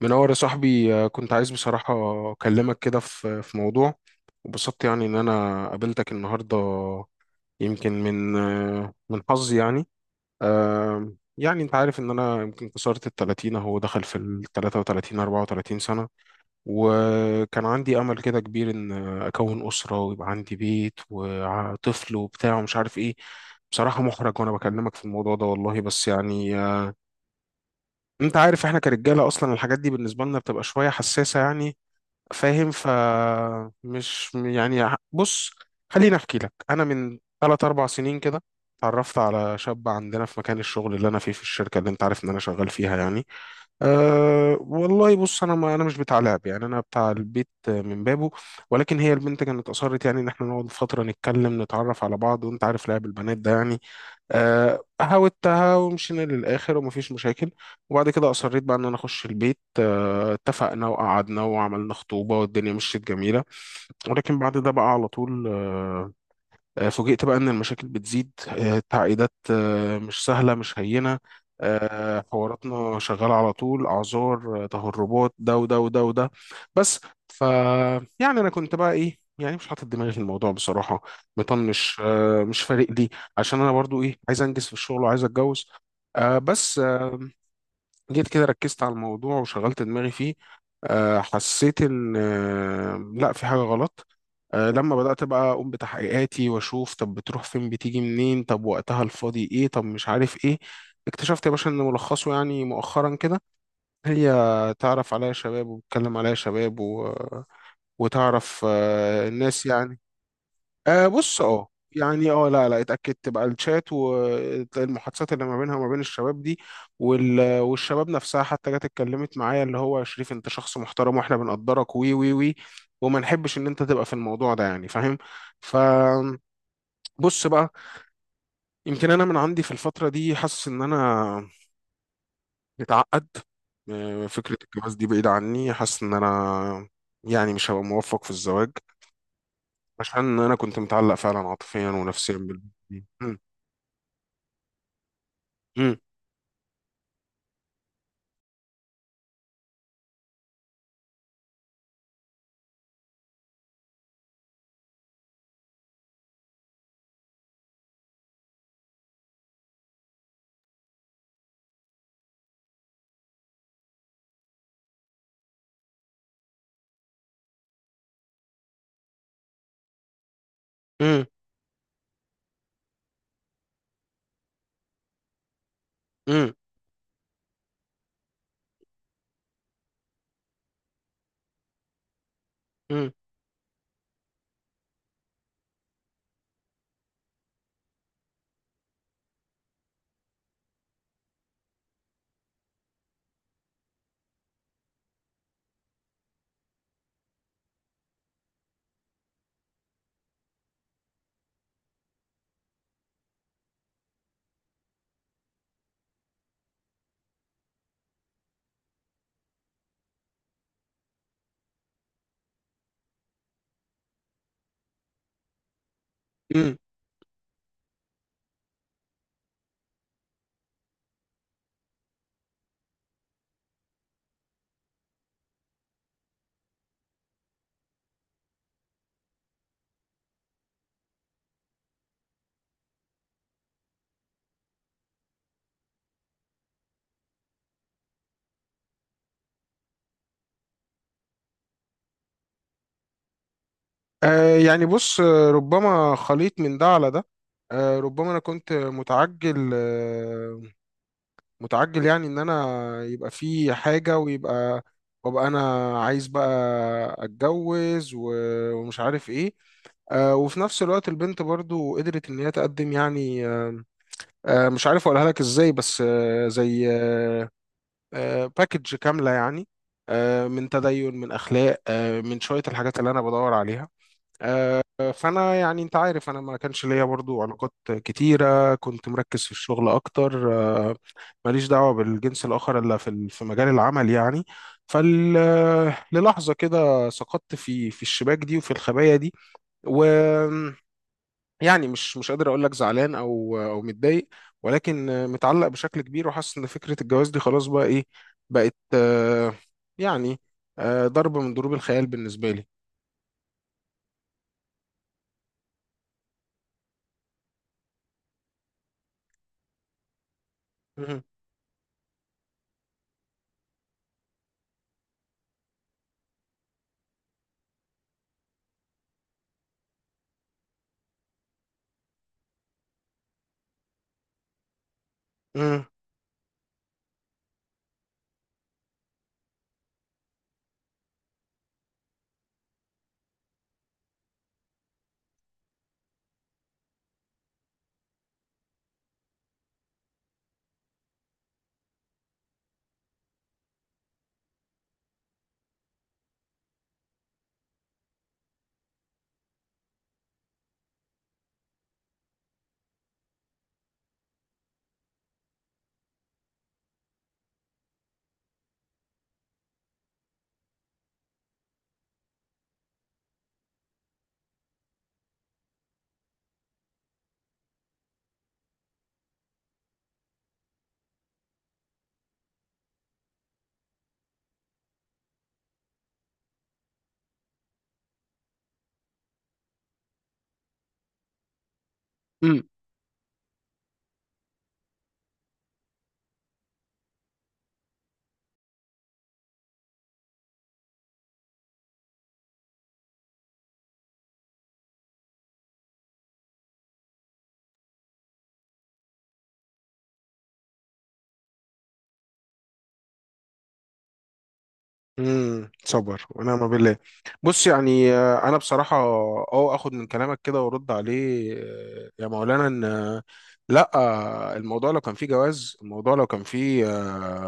منور يا صاحبي، كنت عايز بصراحة أكلمك كده في موضوع. وبسطت يعني إن أنا قابلتك النهاردة، يمكن من حظي يعني. يعني أنت عارف إن أنا يمكن كسرت ال30، أهو دخل في ال33 34 سنة. وكان عندي أمل كده كبير إن أكون أسرة ويبقى عندي بيت وطفل وبتاع ومش عارف إيه. بصراحة محرج وأنا بكلمك في الموضوع ده والله، بس يعني، انت عارف احنا كرجاله اصلا الحاجات دي بالنسبه لنا بتبقى شويه حساسه يعني. فاهم؟ فمش يعني، بص خليني احكي لك انا من 3 4 سنين كده. اتعرفت على شاب عندنا في مكان الشغل اللي انا فيه، في الشركه اللي انت عارف ان انا شغال فيها يعني. أه والله، بص ما انا مش بتاع لعب يعني، انا بتاع البيت من بابه. ولكن هي البنت كانت اصرت يعني ان احنا نقعد فتره نتكلم نتعرف على بعض، وانت عارف لعب البنات ده يعني. هاوتها ومشينا للآخر ومفيش مشاكل. وبعد كده أصريت بقى إن أنا أخش البيت، اتفقنا وقعدنا وعملنا خطوبة والدنيا مشيت جميلة. ولكن بعد ده بقى على طول، فوجئت بقى إن المشاكل بتزيد، التعقيدات مش سهلة مش هينة. حواراتنا شغالة على طول، أعذار، تهربات، ده وده وده وده، بس. ف يعني أنا كنت بقى إيه؟ يعني مش حاطط دماغي في الموضوع بصراحة، مطنش، مش فارق لي، عشان أنا برضو إيه، عايز أنجز في الشغل وعايز أتجوز. بس، جيت كده ركزت على الموضوع وشغلت دماغي فيه. حسيت إن، لا، في حاجة غلط. لما بدأت بقى أقوم بتحقيقاتي وأشوف، طب بتروح فين؟ بتيجي منين؟ طب وقتها الفاضي إيه؟ طب مش عارف إيه. اكتشفت يا باشا إن ملخصه يعني، مؤخرا كده، هي تعرف عليا شباب وبتكلم عليا شباب، وتعرف الناس يعني. أه، بص، يعني لا لا، اتأكدت بقى، الشات والمحادثات اللي ما بينها وما بين الشباب دي. والشباب نفسها حتى جت اتكلمت معايا، اللي هو يا شريف انت شخص محترم واحنا بنقدرك، وي وي وي. وما نحبش ان انت تبقى في الموضوع ده يعني، فاهم؟ فبص بقى. يمكن انا من عندي في الفترة دي حاسس ان انا متعقد. فكرة الجواز دي بعيدة عني، حاسس ان انا يعني مش هبقى موفق في الزواج. عشان انا كنت متعلق فعلا عاطفيا ونفسيا بال امم امم امم امم يعني بص، ربما خليط من ده على ده. ربما انا كنت متعجل، متعجل يعني ان انا يبقى في حاجة، ويبقى، وابقى انا عايز بقى اتجوز و- ومش عارف ايه. وفي نفس الوقت البنت برضو قدرت ان هي تقدم يعني، مش عارف اقولها لك ازاي، بس زي، آه، باكج كاملة يعني. من تدين، من أخلاق، من شوية الحاجات اللي أنا بدور عليها. آه، فأنا يعني، أنت عارف أنا ما كانش ليا برضو علاقات كتيرة، كنت مركز في الشغل أكتر. آه، ماليش دعوة بالجنس الآخر إلا في مجال العمل يعني. فال آه، للحظة كده سقطت في الشباك دي وفي الخبايا دي، و يعني مش قادر اقول لك زعلان او متضايق، ولكن متعلق بشكل كبير وحاسس ان فكره الجواز دي خلاص بقى ايه، بقت، يعني ضربه من ضروب الخيال بالنسبه لي. مهم. مم. صبر ونعم بالله. بص، يعني انا بصراحه اخد من كلامك كده وارد عليه، يا مولانا، ان، لا، الموضوع لو كان فيه جواز، الموضوع لو كان فيه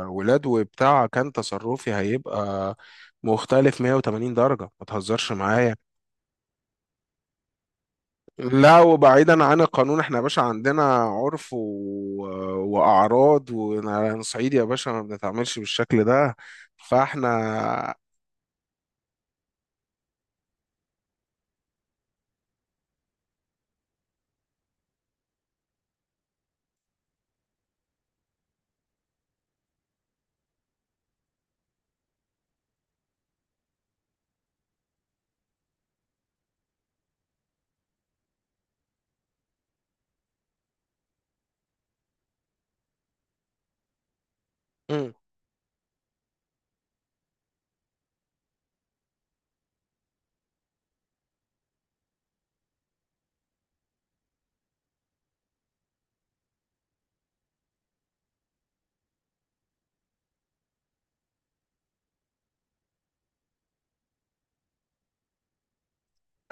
ولاد وبتاع، كان تصرفي هيبقى مختلف 180 درجه. ما تهزرش معايا. لا، وبعيدا عن القانون، احنا يا باشا عندنا عرف و... آه، واعراض، ونحن صعيدي يا باشا ما بنتعاملش بالشكل ده. فاحنا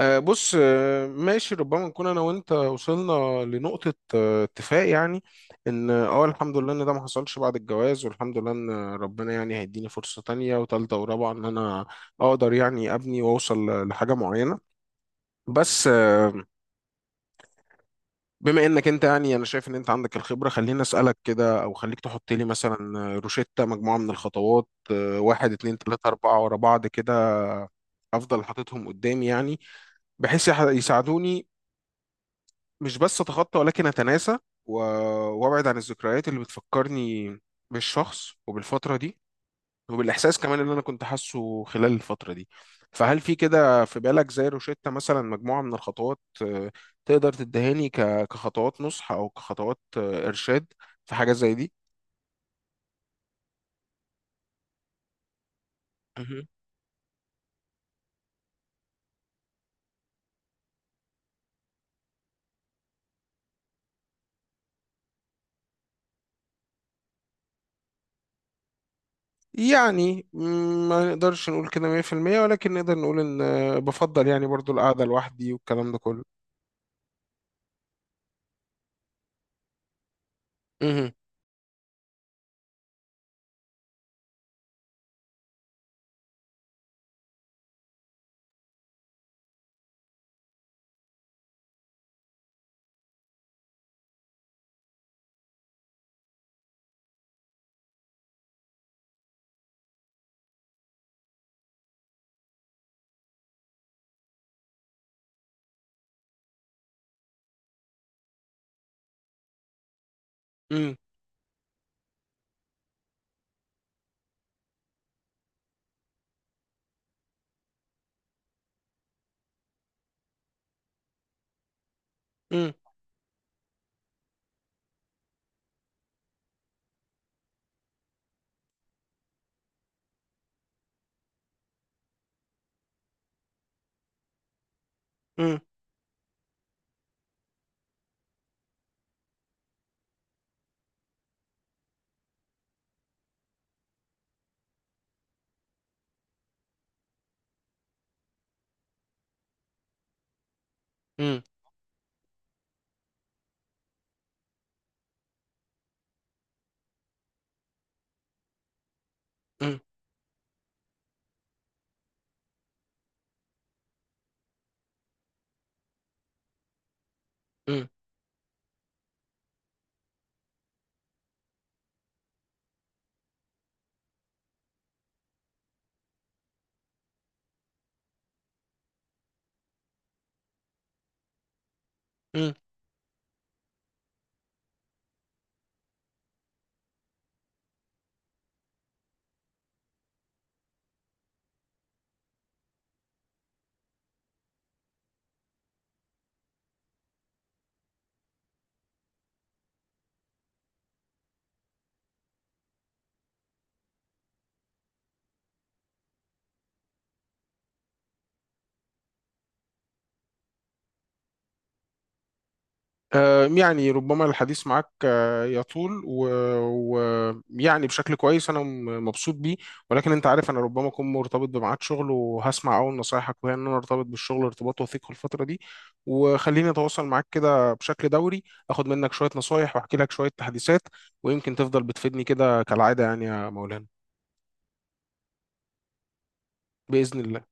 بص، ماشي، ربما نكون انا وانت وصلنا لنقطة اتفاق يعني. ان الحمد لله ان ده ما حصلش بعد الجواز، والحمد لله ان ربنا يعني هيديني فرصة تانية وتالتة ورابعة، ان انا اقدر يعني ابني واوصل لحاجة معينة. بس، بما انك انت يعني، انا شايف ان انت عندك الخبرة، خليني اسألك كده، او خليك تحط لي مثلا روشتة، مجموعة من الخطوات. واحد اتنين تلاتة اربعة ورا بعض كده، افضل حاططهم قدامي يعني، بحيث يساعدوني، مش بس اتخطى ولكن اتناسى، و- وابعد عن الذكريات اللي بتفكرني بالشخص وبالفتره دي، وبالاحساس كمان اللي انا كنت حاسه خلال الفتره دي. فهل في كده في بالك زي روشتة مثلا، مجموعه من الخطوات تقدر تدهاني كخطوات نصح او كخطوات ارشاد، في حاجه زي دي؟ مهم. يعني ما نقدرش نقول كده 100%، ولكن نقدر نقول ان بفضل يعني برضو القعده لوحدي والكلام ده كله. مهم. مم. مم. مم. مم. مم. مم. يعني ربما الحديث معك يطول، ويعني بشكل كويس انا مبسوط بيه. ولكن انت عارف انا ربما اكون مرتبط بميعاد شغل، وهسمع اول نصايحك وهي ان انا ارتبط بالشغل ارتباط وثيق في الفتره دي. وخليني اتواصل معاك كده بشكل دوري، اخد منك شويه نصايح واحكي لك شويه تحديثات، ويمكن تفضل بتفيدني كده كالعاده يعني يا مولانا. باذن الله.